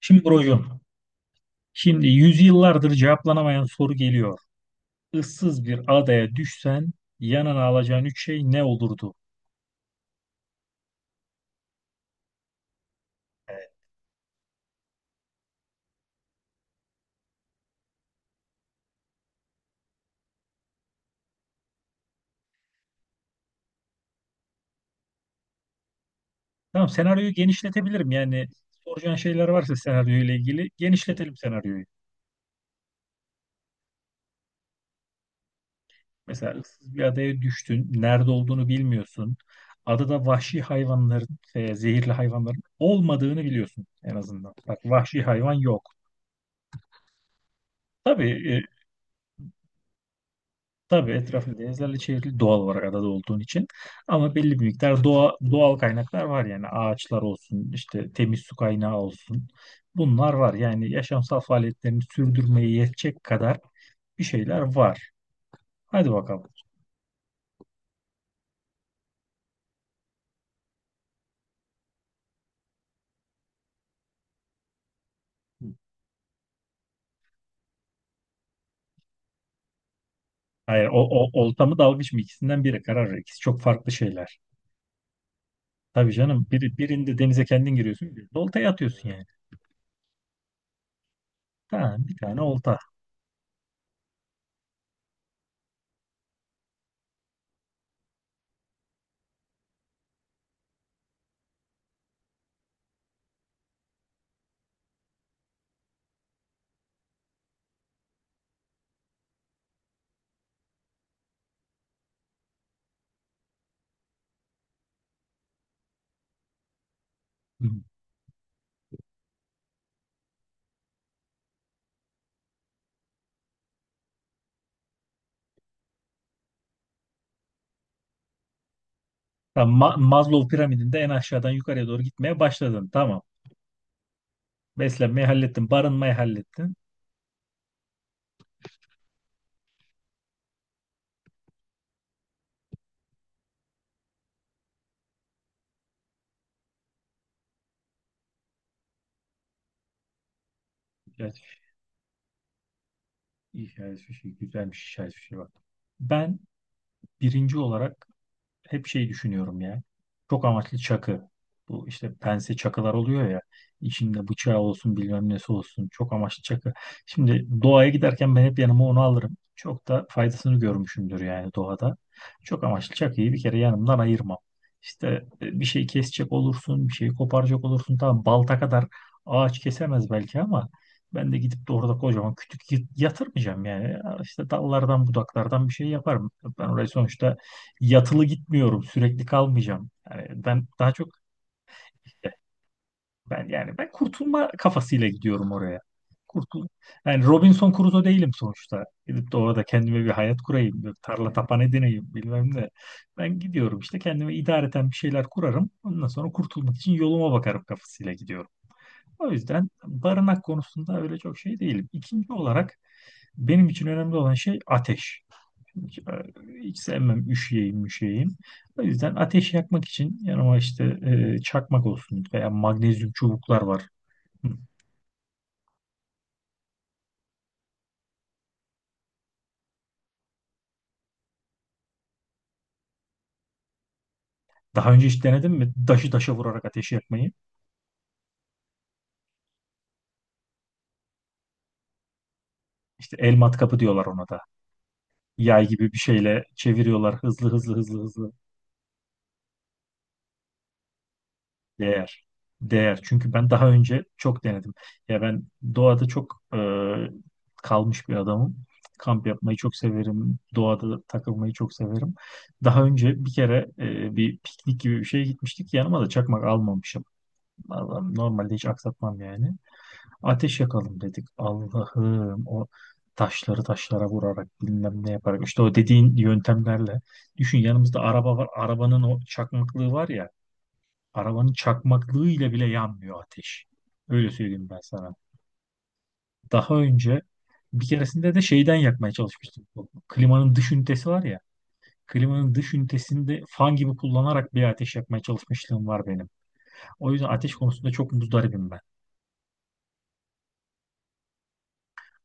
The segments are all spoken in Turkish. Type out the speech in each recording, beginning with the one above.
Şimdi brocum, şimdi yüzyıllardır cevaplanamayan soru geliyor. Issız bir adaya düşsen yanına alacağın üç şey ne olurdu? Tamam, senaryoyu genişletebilirim. Yani soracağın şeyler varsa senaryoyla ilgili genişletelim senaryoyu. Mesela ıssız bir adaya düştün, nerede olduğunu bilmiyorsun. Adada vahşi hayvanların, zehirli hayvanların olmadığını biliyorsun en azından. Bak vahşi hayvan yok. Tabii. Tabii etrafı denizlerle çevrili doğal olarak adada olduğun için. Ama belli bir miktar doğa, doğal kaynaklar var yani ağaçlar olsun, işte temiz su kaynağı olsun. Bunlar var yani yaşamsal faaliyetlerini sürdürmeye yetecek kadar bir şeyler var. Hadi bakalım. Hayır, o olta mı dalgıç mı, ikisinden biri karar ver. İkisi çok farklı şeyler. Tabii canım, birinde denize kendin giriyorsun, birinde oltaya atıyorsun yani. Tamam, bir tane olta. Tamam, Maslow piramidinde en aşağıdan yukarıya doğru gitmeye başladın. Tamam. Beslenmeyi hallettin, barınmayı hallettin. Güzel bir şey, iyi, şahane şey, şey, bir şey bak. Ben birinci olarak hep şeyi düşünüyorum ya. Çok amaçlı çakı. Bu işte pense çakılar oluyor ya. İçinde bıçağı olsun, bilmem nesi olsun. Çok amaçlı çakı. Şimdi doğaya giderken ben hep yanıma onu alırım. Çok da faydasını görmüşümdür yani doğada. Çok amaçlı çakıyı bir kere yanımdan ayırmam. İşte bir şey kesecek olursun, bir şeyi koparacak olursun. Tamam, balta kadar ağaç kesemez belki ama ben de gidip de orada kocaman kütük yatırmayacağım yani. İşte dallardan budaklardan bir şey yaparım. Ben orayı sonuçta yatılı gitmiyorum, sürekli kalmayacağım. Yani ben daha çok ben yani ben kurtulma kafasıyla gidiyorum oraya. Kurtul. Yani Robinson Crusoe değilim sonuçta. Gidip de orada kendime bir hayat kurayım, bir tarla tapan edineyim, bilmem ne. Ben gidiyorum, işte kendime idareten bir şeyler kurarım. Ondan sonra kurtulmak için yoluma bakarım kafasıyla gidiyorum. O yüzden barınak konusunda öyle çok şey değilim. İkinci olarak benim için önemli olan şey ateş. Hiç, e, hiç sevmem üşüyeyim müşeyim. O yüzden ateş yakmak için yanıma işte çakmak olsun veya magnezyum çubuklar var. Hı. Daha önce hiç denedin mi? Daşı taşa vurarak ateş yakmayı. İşte el matkapı diyorlar ona da. Yay gibi bir şeyle çeviriyorlar hızlı hızlı hızlı hızlı. Değer. Değer. Çünkü ben daha önce çok denedim. Ya ben doğada çok kalmış bir adamım. Kamp yapmayı çok severim. Doğada takılmayı çok severim. Daha önce bir kere bir piknik gibi bir şeye gitmiştik. Yanıma da çakmak almamışım. Allah'ım, normalde hiç aksatmam yani. Ateş yakalım dedik. Allah'ım, o taşları taşlara vurarak bilmem ne yaparak işte o dediğin yöntemlerle. Düşün, yanımızda araba var. Arabanın o çakmaklığı var ya. Arabanın çakmaklığıyla bile yanmıyor ateş. Öyle söyleyeyim ben sana. Daha önce bir keresinde de şeyden yakmaya çalışmıştım. Bu klimanın dış ünitesi var ya. Klimanın dış ünitesini de fan gibi kullanarak bir ateş yakmaya çalışmışlığım var benim. O yüzden ateş konusunda çok muzdaribim ben.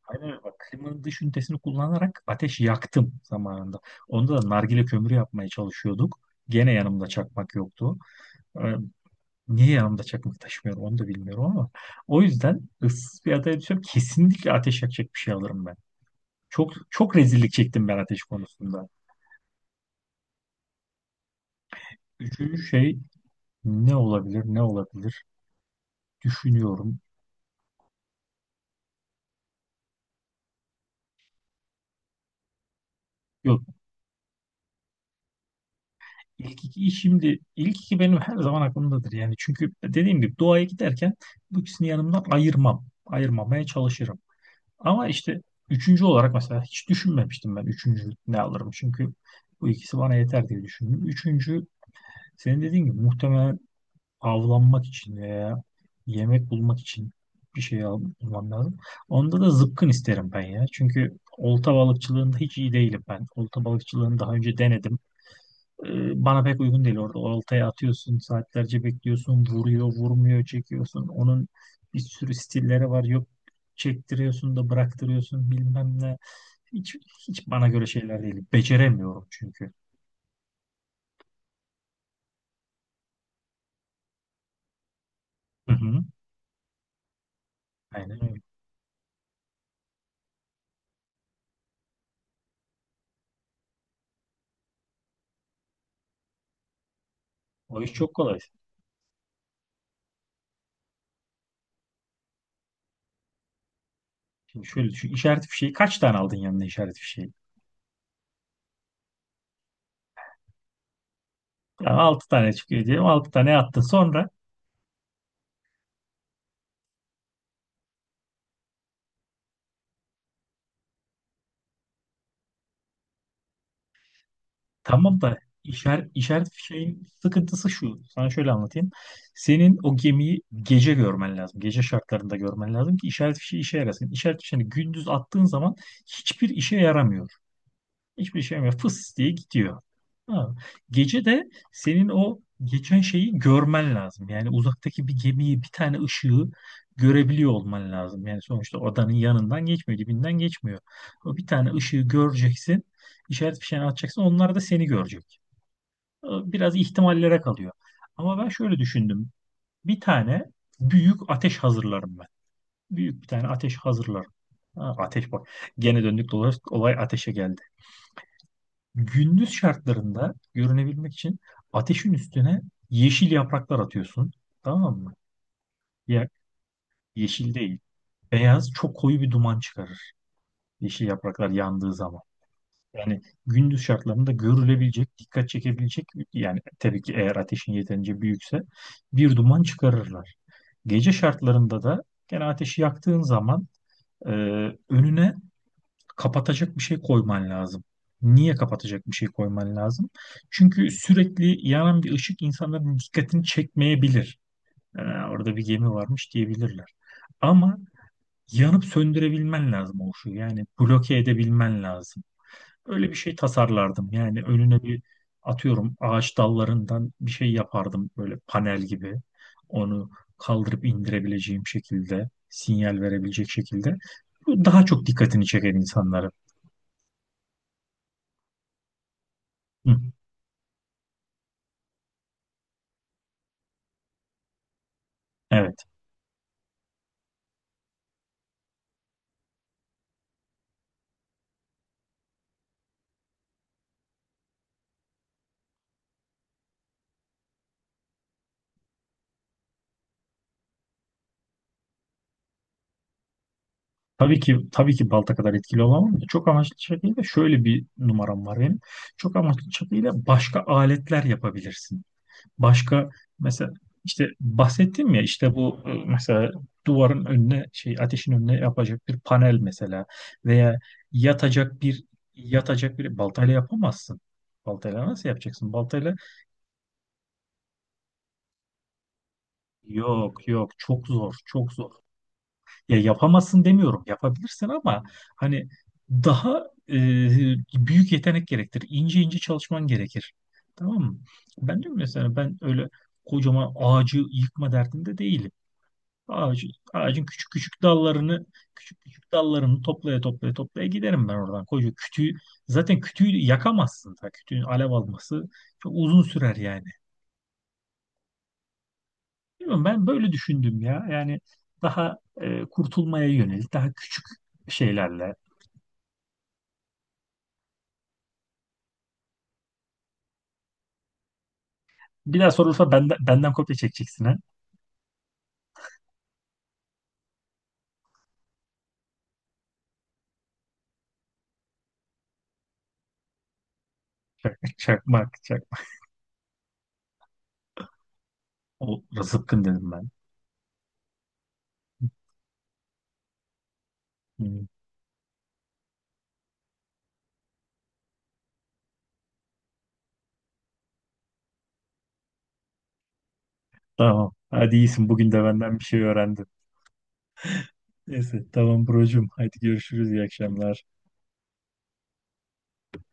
Aynen öyle bak. Klimanın dış ünitesini kullanarak ateş yaktım zamanında. Onda da nargile kömürü yapmaya çalışıyorduk. Gene yanımda çakmak yoktu. Ee, Niye yanımda çakmak taşımıyorum onu da bilmiyorum ama o yüzden ıssız bir adaya düşsem kesinlikle ateş yakacak bir şey alırım ben. Çok çok rezillik çektim ben ateş konusunda. Üçüncü şey ne olabilir ne olabilir düşünüyorum. Yok, ilk iki benim her zaman aklımdadır yani çünkü dediğim gibi doğaya giderken bu ikisini yanımdan ayırmam. Ayırmamaya çalışırım. Ama işte üçüncü olarak mesela hiç düşünmemiştim ben üçüncü ne alırım çünkü bu ikisi bana yeter diye düşündüm. Üçüncü, senin dediğin gibi muhtemelen avlanmak için veya yemek bulmak için bir şey bulmam lazım. Onda da zıpkın isterim ben ya. Çünkü olta balıkçılığında hiç iyi değilim ben. Olta balıkçılığını daha önce denedim. Bana pek uygun değil orada. Oltaya atıyorsun, saatlerce bekliyorsun, vuruyor, vurmuyor, çekiyorsun. Onun bir sürü stilleri var. Yok, çektiriyorsun da bıraktırıyorsun bilmem ne. Hiç, hiç bana göre şeyler değil. Beceremiyorum çünkü. Hı hı. Aynen öyle. O iş çok kolay. Şimdi şöyle düşün. İşaret fişeği kaç tane aldın yanına, işaret fişeği? Yani 6 tane çıkıyor diyelim. Altı tane attın. Sonra tamam da işaret fişeğin sıkıntısı şu. Sana şöyle anlatayım. Senin o gemiyi gece görmen lazım. Gece şartlarında görmen lazım ki işaret fişeği işe yarasın. İşaret fişeğini gündüz attığın zaman hiçbir işe yaramıyor. Hiçbir şey yok. Fıs diye gidiyor. Ha. Gece de senin o geçen şeyi görmen lazım. Yani uzaktaki bir gemiyi, bir tane ışığı görebiliyor olman lazım. Yani sonuçta odanın yanından geçmiyor, dibinden geçmiyor. O bir tane ışığı göreceksin, işaret fişeğini atacaksın, onlar da seni görecek. Biraz ihtimallere kalıyor. Ama ben şöyle düşündüm. Bir tane büyük ateş hazırlarım ben. Büyük bir tane ateş hazırlarım. Ha, ateş bak. Gene döndük dolaştık olay ateşe geldi. Gündüz şartlarında görünebilmek için ateşin üstüne yeşil yapraklar atıyorsun. Tamam mı? Ya, yeşil değil. Beyaz, çok koyu bir duman çıkarır. Yeşil yapraklar yandığı zaman. Yani gündüz şartlarında görülebilecek, dikkat çekebilecek, yani tabii ki eğer ateşin yeterince büyükse bir duman çıkarırlar. Gece şartlarında da gene ateşi yaktığın zaman e, önüne kapatacak bir şey koyman lazım. Niye kapatacak bir şey koyman lazım? Çünkü sürekli yanan bir ışık insanların dikkatini çekmeyebilir. "Aa, orada bir gemi varmış," diyebilirler. Ama yanıp söndürebilmen lazım o ışığı. Yani bloke edebilmen lazım. Öyle bir şey tasarlardım. Yani önüne bir atıyorum ağaç dallarından bir şey yapardım böyle panel gibi. Onu kaldırıp indirebileceğim şekilde, sinyal verebilecek şekilde. Bu daha çok dikkatini çeker insanlara. Hı. Evet. Tabii ki tabii ki balta kadar etkili olamam da çok amaçlı çakıyla şöyle bir numaram var benim. Çok amaçlı çakıyla başka aletler yapabilirsin. Başka, mesela işte bahsettim ya işte bu mesela duvarın önüne şey ateşin önüne yapacak bir panel mesela, veya yatacak bir yatacak bir baltayla yapamazsın. Baltayla nasıl yapacaksın? Baltayla yok yok, çok zor çok zor. Ya yapamazsın demiyorum. Yapabilirsin ama hani daha e, büyük yetenek gerektirir. İnce ince çalışman gerekir. Tamam mı? Ben diyorum mesela, ben öyle kocaman ağacı yıkma derdinde değilim. Ağacı, ağacın küçük küçük dallarını toplaya toplaya toplaya giderim ben oradan. Koca kütüğü zaten kütüğü yakamazsın. Ta kütüğün alev alması çok uzun sürer yani. Bilmiyorum, ben böyle düşündüm ya. Yani daha kurtulmaya yönelik daha küçük şeylerle. Bir daha sorulsa benden, kopya çekeceksin ha. Çakmak. O zıpkın dedim ben. Hı. Tamam. Hadi iyisin. Bugün de benden bir şey öğrendin. Neyse. Tamam brocum. Hadi görüşürüz. İyi akşamlar.